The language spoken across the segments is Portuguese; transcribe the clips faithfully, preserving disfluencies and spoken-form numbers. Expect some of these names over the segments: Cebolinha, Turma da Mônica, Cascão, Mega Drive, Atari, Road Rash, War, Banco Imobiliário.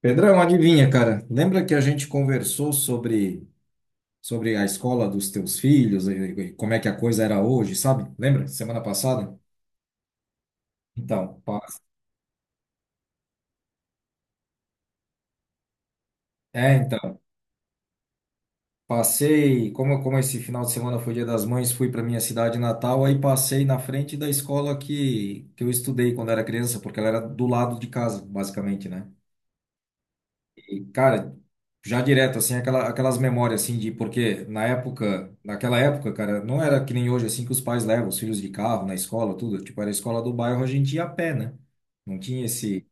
Pedrão, adivinha, cara? Lembra que a gente conversou sobre, sobre a escola dos teus filhos e, e como é que a coisa era hoje, sabe? Lembra? Semana passada? Então, pa- é, então, passei, como, como esse final de semana foi Dia das Mães, fui para minha cidade natal, aí passei na frente da escola que, que eu estudei quando era criança, porque ela era do lado de casa, basicamente, né? E, cara, já direto, assim, aquela, aquelas memórias, assim, de porque na época, naquela época, cara, não era que nem hoje, assim, que os pais levam os filhos de carro na escola, tudo. Tipo, era a escola do bairro, a gente ia a pé, né? Não tinha esse.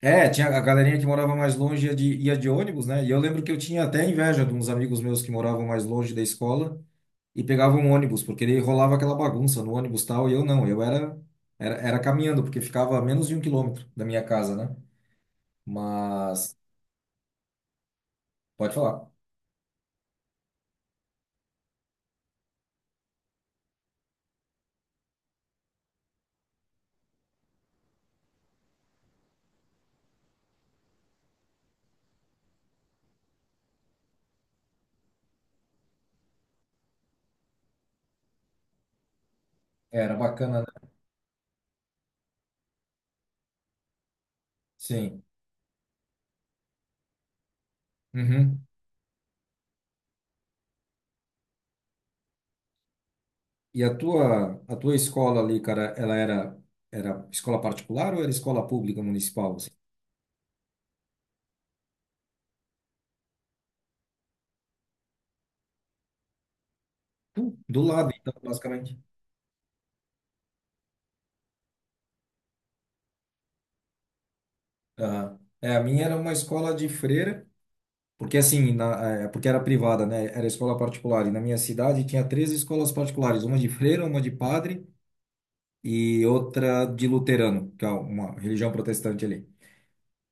É, tinha a galerinha que morava mais longe ia de, ia de ônibus, né? E eu lembro que eu tinha até inveja de uns amigos meus que moravam mais longe da escola e pegavam um ônibus, porque ele rolava aquela bagunça no ônibus e tal, e eu não, eu era, era, era caminhando, porque ficava a menos de um quilômetro da minha casa, né? Mas, Pode falar. É, era bacana. Sim. Uhum. E a tua, a tua escola ali, cara, ela era, era escola particular ou era escola pública municipal, assim? Tu- Do lado, então, basicamente. Aham. É, a minha era uma escola de freira, porque assim, na, é, porque era privada, né? Era escola particular. E na minha cidade tinha três escolas particulares, uma de freira, uma de padre e outra de luterano, que é uma religião protestante ali.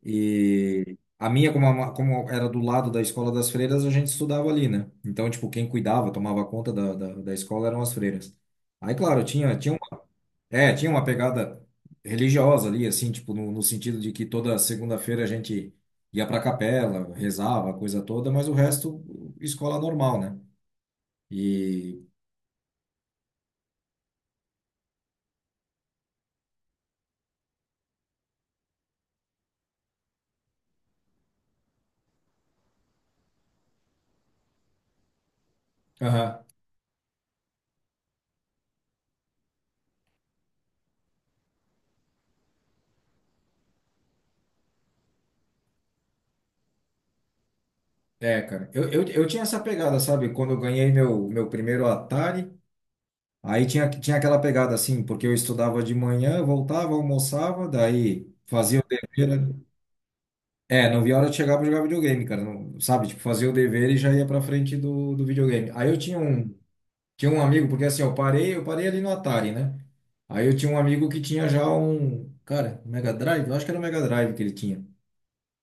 E a minha, como, a- como era do lado da escola das freiras, a gente estudava ali, né? Então, tipo, quem cuidava, tomava conta da, da, da escola eram as freiras. Aí, claro, tinha, tinha uma, é, tinha uma pegada religiosa ali, assim, tipo, no, no sentido de que toda segunda-feira a gente ia pra capela, rezava, a coisa toda, mas o resto, escola normal, né? E, aham, é, cara, eu, eu, eu tinha essa pegada, sabe? Quando eu ganhei meu, meu primeiro Atari. Aí tinha, tinha aquela pegada assim, porque eu estudava de manhã, voltava, almoçava, daí fazia o dever, né? É, não via a hora de chegar pra jogar videogame, cara. Não, sabe, tipo, fazia o dever e já ia pra frente do, do videogame. Aí eu tinha um, tinha um amigo, porque assim, eu parei, eu parei ali no Atari, né? Aí eu tinha um amigo que tinha já um, cara, Mega Drive, eu acho que era o Mega Drive que ele tinha.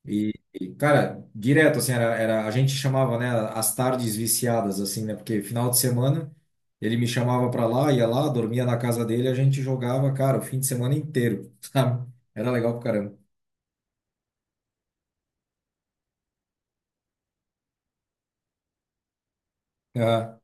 E, e, cara, direto, assim, era, era, a gente chamava, né, as tardes viciadas, assim, né, porque final de semana ele me chamava pra lá, ia lá, dormia na casa dele, a gente jogava, cara, o fim de semana inteiro, sabe? Era legal pra caramba. Aham.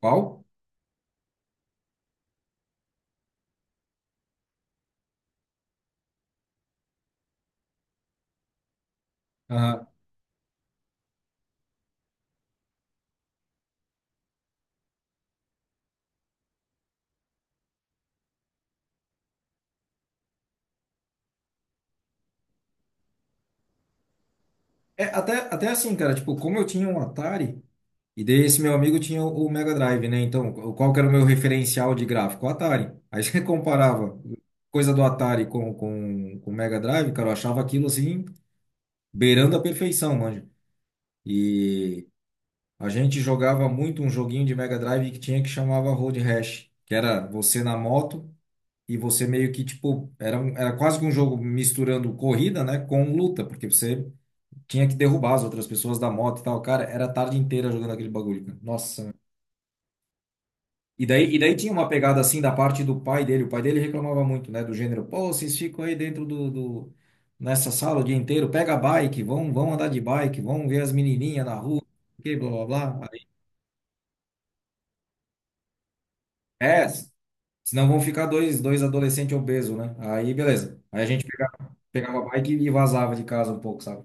Qual? Aham. É, até, até assim, cara, tipo, como eu tinha um Atari, e daí esse meu amigo tinha o o Mega Drive, né, então, qu- qual que era o meu referencial de gráfico? O Atari. Aí você comparava coisa do Atari com, com, com o Mega Drive, cara, eu achava aquilo, assim, beirando a perfeição, manja. E a gente jogava muito um joguinho de Mega Drive que tinha que chamava Road Rash, que era você na moto e você meio que tipo, era, um- era quase que um jogo misturando corrida, né, com luta, porque você tinha que derrubar as outras pessoas da moto e tal. Cara, era a tarde inteira jogando aquele bagulho, cara. Nossa. E daí, e daí tinha uma pegada assim da parte do pai dele. O pai dele reclamava muito, né, do gênero, pô, vocês ficam aí dentro do, do- nessa sala o dia inteiro, pega a bike, vão, vão andar de bike, vão ver as menininhas na rua, que blá blá blá. É, s- senão vão ficar dois, dois adolescentes obesos, né? Aí, beleza. Aí a gente pega- pegava, a bike e vazava de casa um pouco, sabe?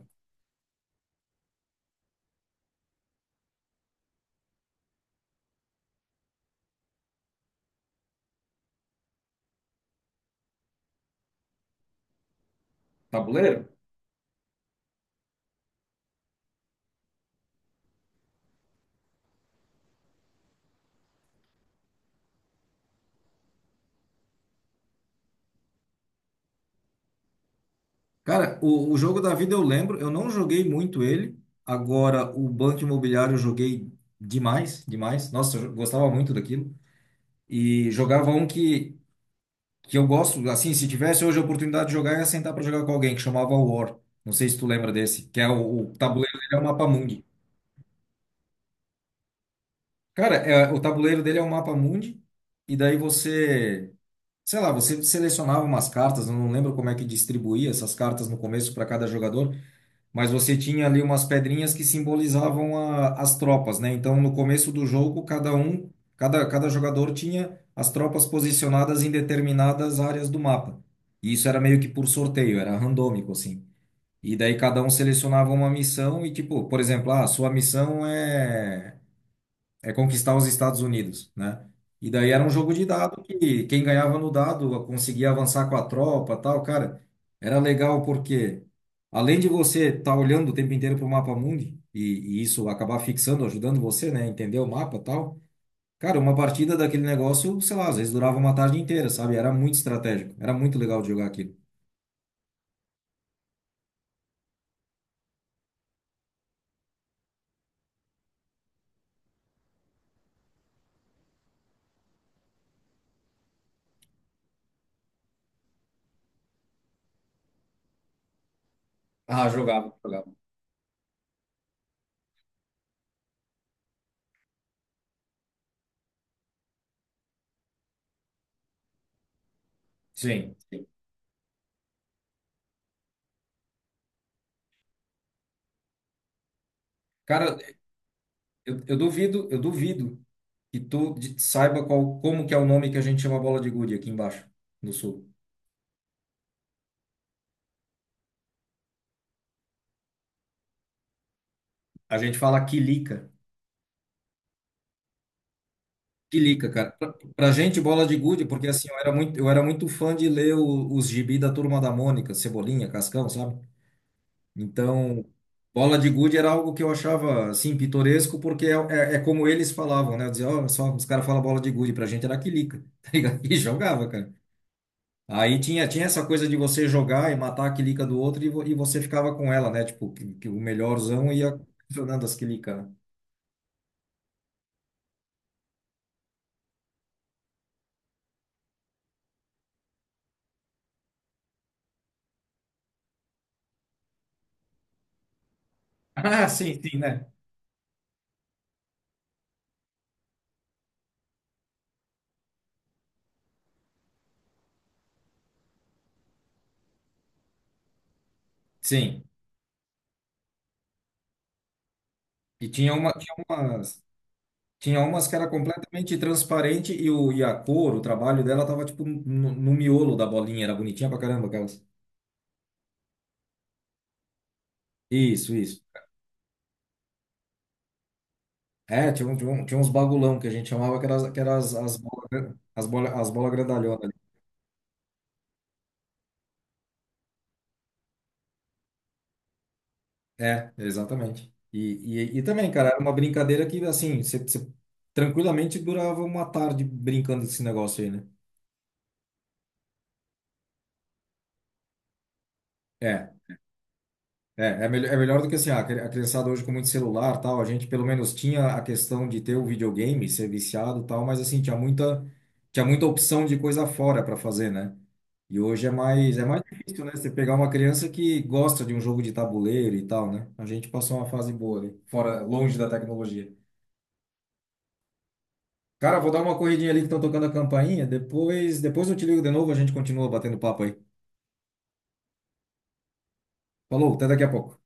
Tabuleiro? Cara, o, o jogo da vida eu lembro, eu não joguei muito ele. Agora, o Banco Imobiliário eu joguei demais, demais. Nossa, eu gostava muito daquilo. E jogava um que, que eu gosto, assim, se tivesse hoje a oportunidade de jogar, eu ia sentar pra jogar com alguém, que chamava War. Não sei se tu lembra desse, que é o, o tabuleiro dele é o mapa mundi. Cara, é, o tabuleiro dele é o mapa mundi, e daí você, sei lá, você selecionava umas cartas, eu não lembro como é que distribuía essas cartas no começo para cada jogador, mas você tinha ali umas pedrinhas que simbolizavam a- as tropas, né? Então, no começo do jogo, cada um, cada, cada jogador tinha as tropas posicionadas em determinadas áreas do mapa. E isso era meio que por sorteio, era randômico, assim. E daí cada um selecionava uma missão e, tipo, por exemplo, ah, sua missão é é conquistar os Estados Unidos, né? E daí era um jogo de dado que quem ganhava no dado conseguia avançar com a tropa, tal, cara. Era legal porque além de você estar olhando o tempo inteiro para o mapa mundi e, e isso acabar fixando, ajudando você, né, a entender o mapa, tal. Cara, uma partida daquele negócio, sei lá, às vezes durava uma tarde inteira, sabe? Era muito estratégico, era muito legal de jogar aquilo. Ah, jogava, jogava. Sim. Sim. Cara, Eu, eu duvido, eu duvido que tu de- saiba qual, como que é o nome que a gente chama bola de gude aqui embaixo, no sul. A gente fala quilica. Quilica, cara. Pra, pra gente, bola de gude, porque assim, eu era muito, eu era muito fã de ler o- os gibi da Turma da Mônica, Cebolinha, Cascão, sabe? Então, bola de gude era algo que eu achava, assim, pitoresco, porque é, é, é como eles falavam, né? Eu dizia, ó, só, os caras falam bola de gude, pra gente era quilica, tá ligado? E jogava, cara. Aí tinha, tinha essa coisa de você jogar e matar a quilica do outro e, vo- e você ficava com ela, né? Tipo, que, que o melhorzão ia funcionando as quilicas, né? Ah, sim, sim, né? Sim. E tinha uma, tinha umas, tinha umas que era completamente transparente e, o, e a cor, o trabalho dela tava tipo no, no miolo da bolinha, era bonitinha pra caramba aquelas. Isso, isso. É, tinha, um- tinha, um- tinha uns bagulão que a gente chamava que eram as, que era as, as bolas as bola, as bola grandalhonas. É, exatamente. E, e, e também, cara, era uma brincadeira que, assim, você, você tranquilamente durava uma tarde brincando desse negócio aí, né? É, é, é, melhor, é melhor do que assim, ah, a cri- a criançada hoje com muito celular, tal, a gente pelo menos tinha a questão de ter o videogame, ser viciado, tal, mas assim, tinha muita, tinha muita opção de coisa fora para fazer, né? E hoje é mais, é mais difícil, né? Você pegar uma criança que gosta de um jogo de tabuleiro e tal, né? A gente passou uma fase boa ali, fora, longe da tecnologia. Cara, vou dar uma corridinha ali que estão tocando a campainha. Depois, depois eu te ligo de novo, a gente continua batendo papo aí. Falou, até daqui a pouco.